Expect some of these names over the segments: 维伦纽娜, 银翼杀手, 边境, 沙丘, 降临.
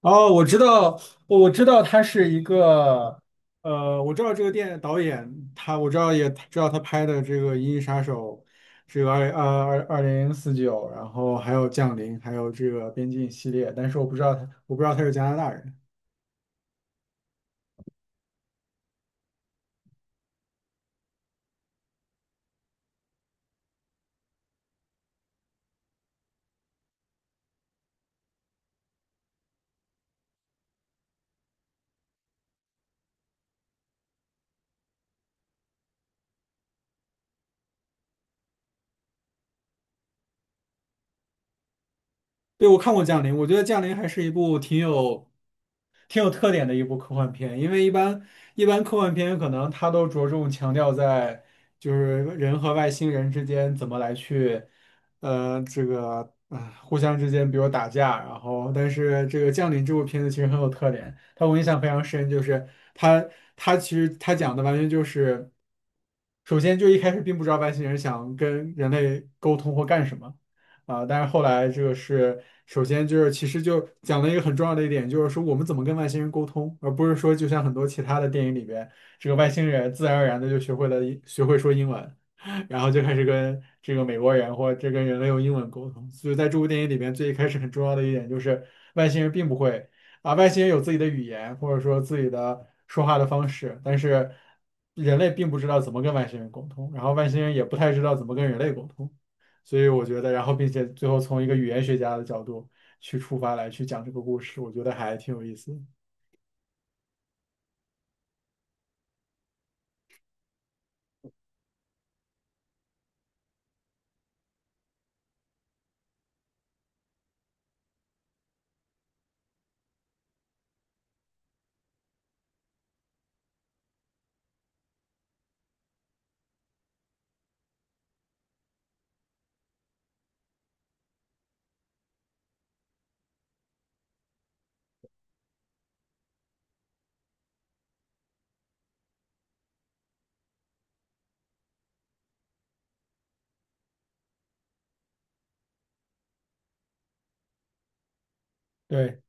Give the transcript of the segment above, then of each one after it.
哦，我知道，我知道他是一个，我知道这个电导演，他我知道也知道他拍的这个《银翼杀手》，这个二零四九，然后还有《降临》，还有这个《边境》系列，但是我不知道他，我不知道他是加拿大人。对，我看过《降临》，我觉得《降临》还是一部挺有特点的一部科幻片，因为一般科幻片可能它都着重强调在就是人和外星人之间怎么来去，这个啊、互相之间比如打架，然后但是这个《降临》这部片子其实很有特点，它我印象非常深，就是它它其实它讲的完全就是，首先就一开始并不知道外星人想跟人类沟通或干什么。啊，但是后来这个是首先就是其实就讲了一个很重要的一点，就是说我们怎么跟外星人沟通，而不是说就像很多其他的电影里边，这个外星人自然而然的就学会说英文，然后就开始跟这个美国人或者这跟人类用英文沟通。所以在这部电影里边，最一开始很重要的一点就是外星人并不会啊，外星人有自己的语言或者说自己的说话的方式，但是人类并不知道怎么跟外星人沟通，然后外星人也不太知道怎么跟人类沟通。所以我觉得，然后并且最后从一个语言学家的角度去出发来去讲这个故事，我觉得还挺有意思的。对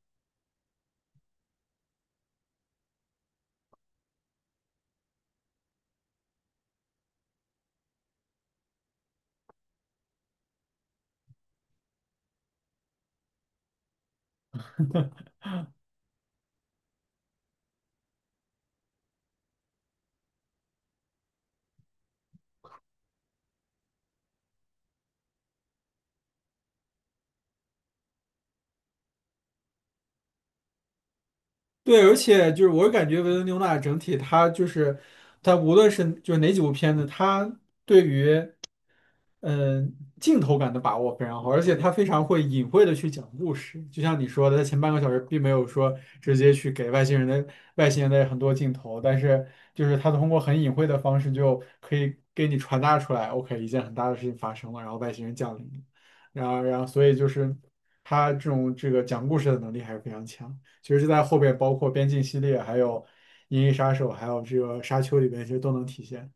对，而且就是我感觉维伦纽娜整体他就是他无论是就是哪几部片子，他对于镜头感的把握非常好，而且他非常会隐晦的去讲故事，就像你说的，他前半个小时并没有说直接去给外星人的很多镜头，但是就是他通过很隐晦的方式就可以给你传达出来，OK，一件很大的事情发生了，然后外星人降临了然后所以就是他这种这个讲故事的能力还是非常强，其实就在后边包括边境系列，还有银翼杀手，还有这个沙丘里边其实都能体现。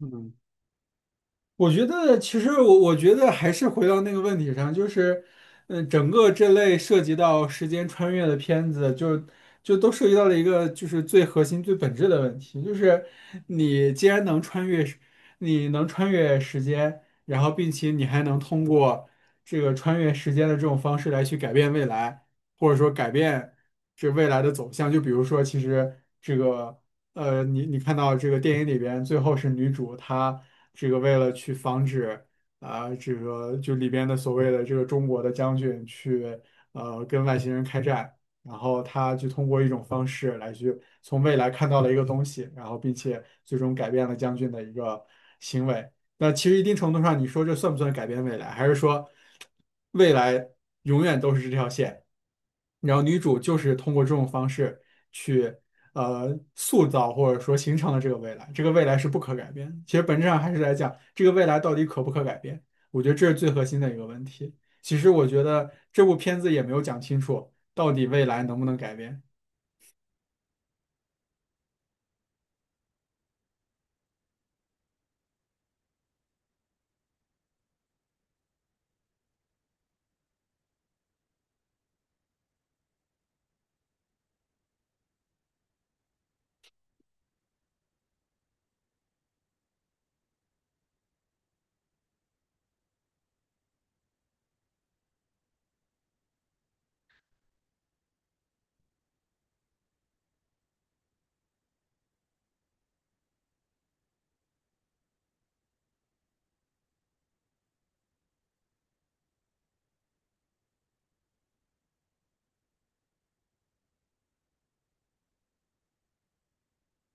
嗯我觉得其实我觉得还是回到那个问题上，就是，整个这类涉及到时间穿越的片子就都涉及到了一个就是最核心、最本质的问题，就是你既然能穿越时间，然后并且你还能通过这个穿越时间的这种方式来去改变未来，或者说改变这未来的走向。就比如说，其实这个。你看到这个电影里边，最后是女主她这个为了去防止啊、这个就里边的所谓的这个中国的将军去跟外星人开战，然后她就通过一种方式来去从未来看到了一个东西，然后并且最终改变了将军的一个行为。那其实一定程度上，你说这算不算改变未来？还是说未来永远都是这条线？然后女主就是通过这种方式。去。塑造或者说形成了这个未来，这个未来是不可改变的，其实本质上还是来讲这个未来到底可不可改变，我觉得这是最核心的一个问题。其实我觉得这部片子也没有讲清楚到底未来能不能改变。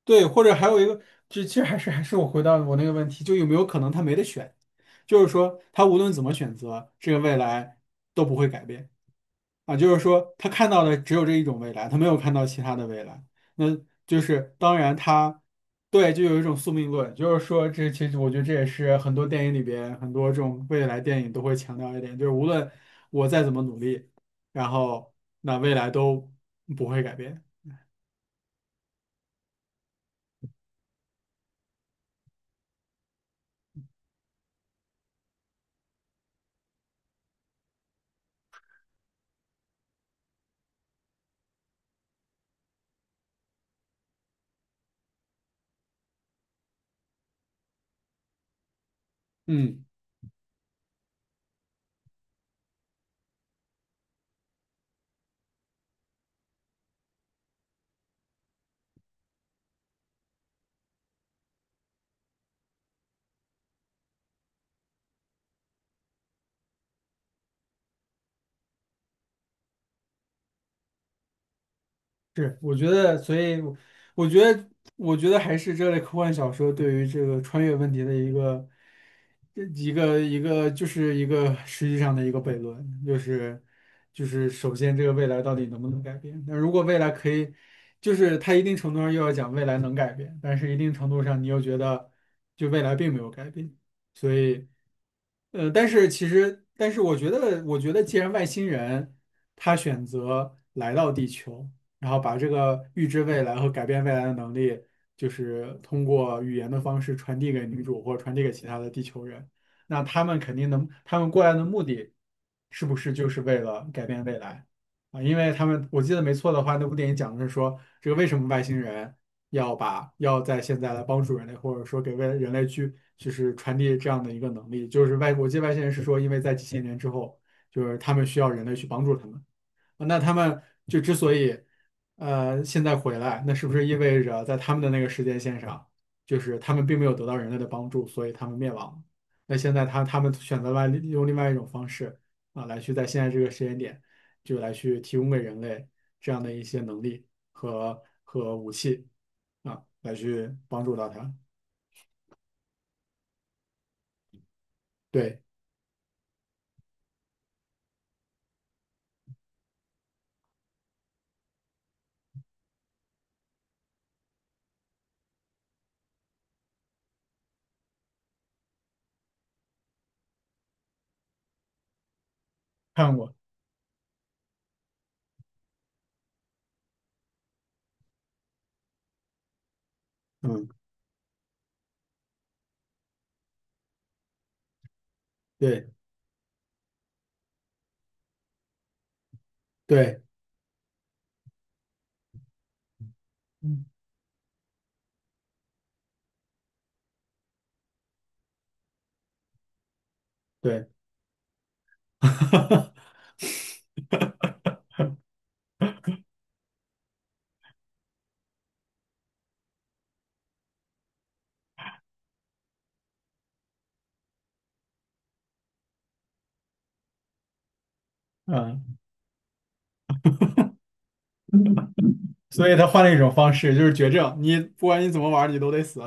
对，或者还有一个，就其实还是我回到我那个问题，就有没有可能他没得选，就是说他无论怎么选择，这个未来都不会改变。啊，就是说他看到的只有这一种未来，他没有看到其他的未来。那就是当然他，对，就有一种宿命论，就是说这其实我觉得这也是很多电影里边很多这种未来电影都会强调一点，就是无论我再怎么努力，然后那未来都不会改变。嗯。是，我觉得，我觉得，我觉得还是这类科幻小说对于这个穿越问题的一个，一个就是一个实际上的一个悖论，就是首先这个未来到底能不能改变？那如果未来可以，就是它一定程度上又要讲未来能改变，但是一定程度上你又觉得就未来并没有改变，所以。但是其实，但是我觉得，既然外星人他选择来到地球，然后把这个预知未来和改变未来的能力，就是通过语言的方式传递给女主或者传递给其他的地球人。那他们肯定能，他们过来的目的是不是就是为了改变未来啊？因为他们，我记得没错的话，那部电影讲的是说，这个为什么外星人要在现在来帮助人类，或者说给为人类去就是传递这样的一个能力，就是外，我记得外星人是说，因为在几千年之后，就是他们需要人类去帮助他们。那他们就之所以现在回来，那是不是意味着在他们的那个时间线上，就是他们并没有得到人类的帮助，所以他们灭亡了。那现在他们选择了用另外一种方式啊，来去在现在这个时间点，就来去提供给人类这样的一些能力和武器啊，来去帮助到他。对，看过，嗯，对对，嗯，对，嗯。所以他换了一种方式，就是绝症，你不管你怎么玩儿，你都得死。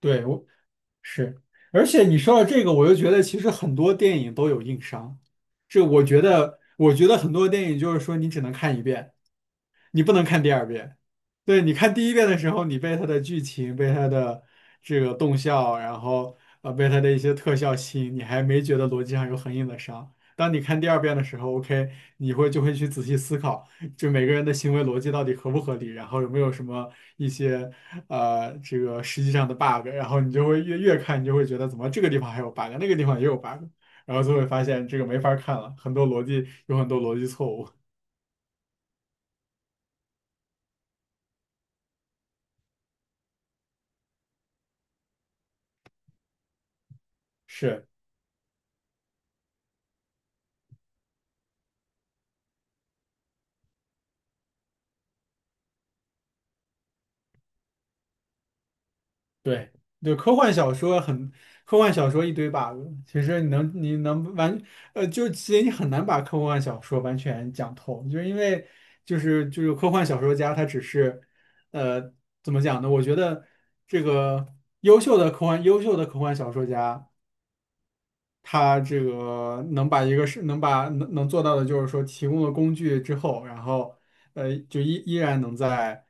对，我是，而且你说到这个，我就觉得其实很多电影都有硬伤，这我觉得很多电影就是说你只能看一遍。你不能看第二遍。对，你看第一遍的时候，你被它的剧情、被它的这个动效，然后被它的一些特效吸引，你还没觉得逻辑上有很硬的伤。当你看第二遍的时候，OK，你就会去仔细思考，就每个人的行为逻辑到底合不合理，然后有没有什么一些这个实际上的 bug，然后你就会越看，你就会觉得怎么这个地方还有 bug，那个地方也有 bug，然后就会发现这个没法看了，很多逻辑有很多逻辑错误。是。对，就科幻小说一堆 bug，其实你能你能完，就其实你很难把科幻小说完全讲透，就是因为就是科幻小说家他只是，呃，怎么讲呢？我觉得这个优秀的科幻小说家。他这个能把一个是能把能能做到的，就是说提供了工具之后，然后就依然能在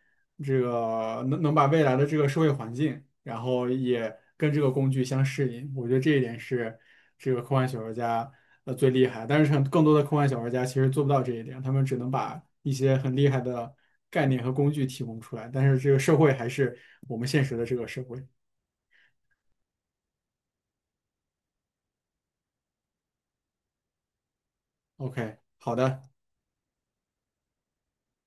这个能把未来的这个社会环境，然后也跟这个工具相适应。我觉得这一点是这个科幻小说家最厉害，但是更多的科幻小说家其实做不到这一点，他们只能把一些很厉害的概念和工具提供出来，但是这个社会还是我们现实的这个社会。OK，好的。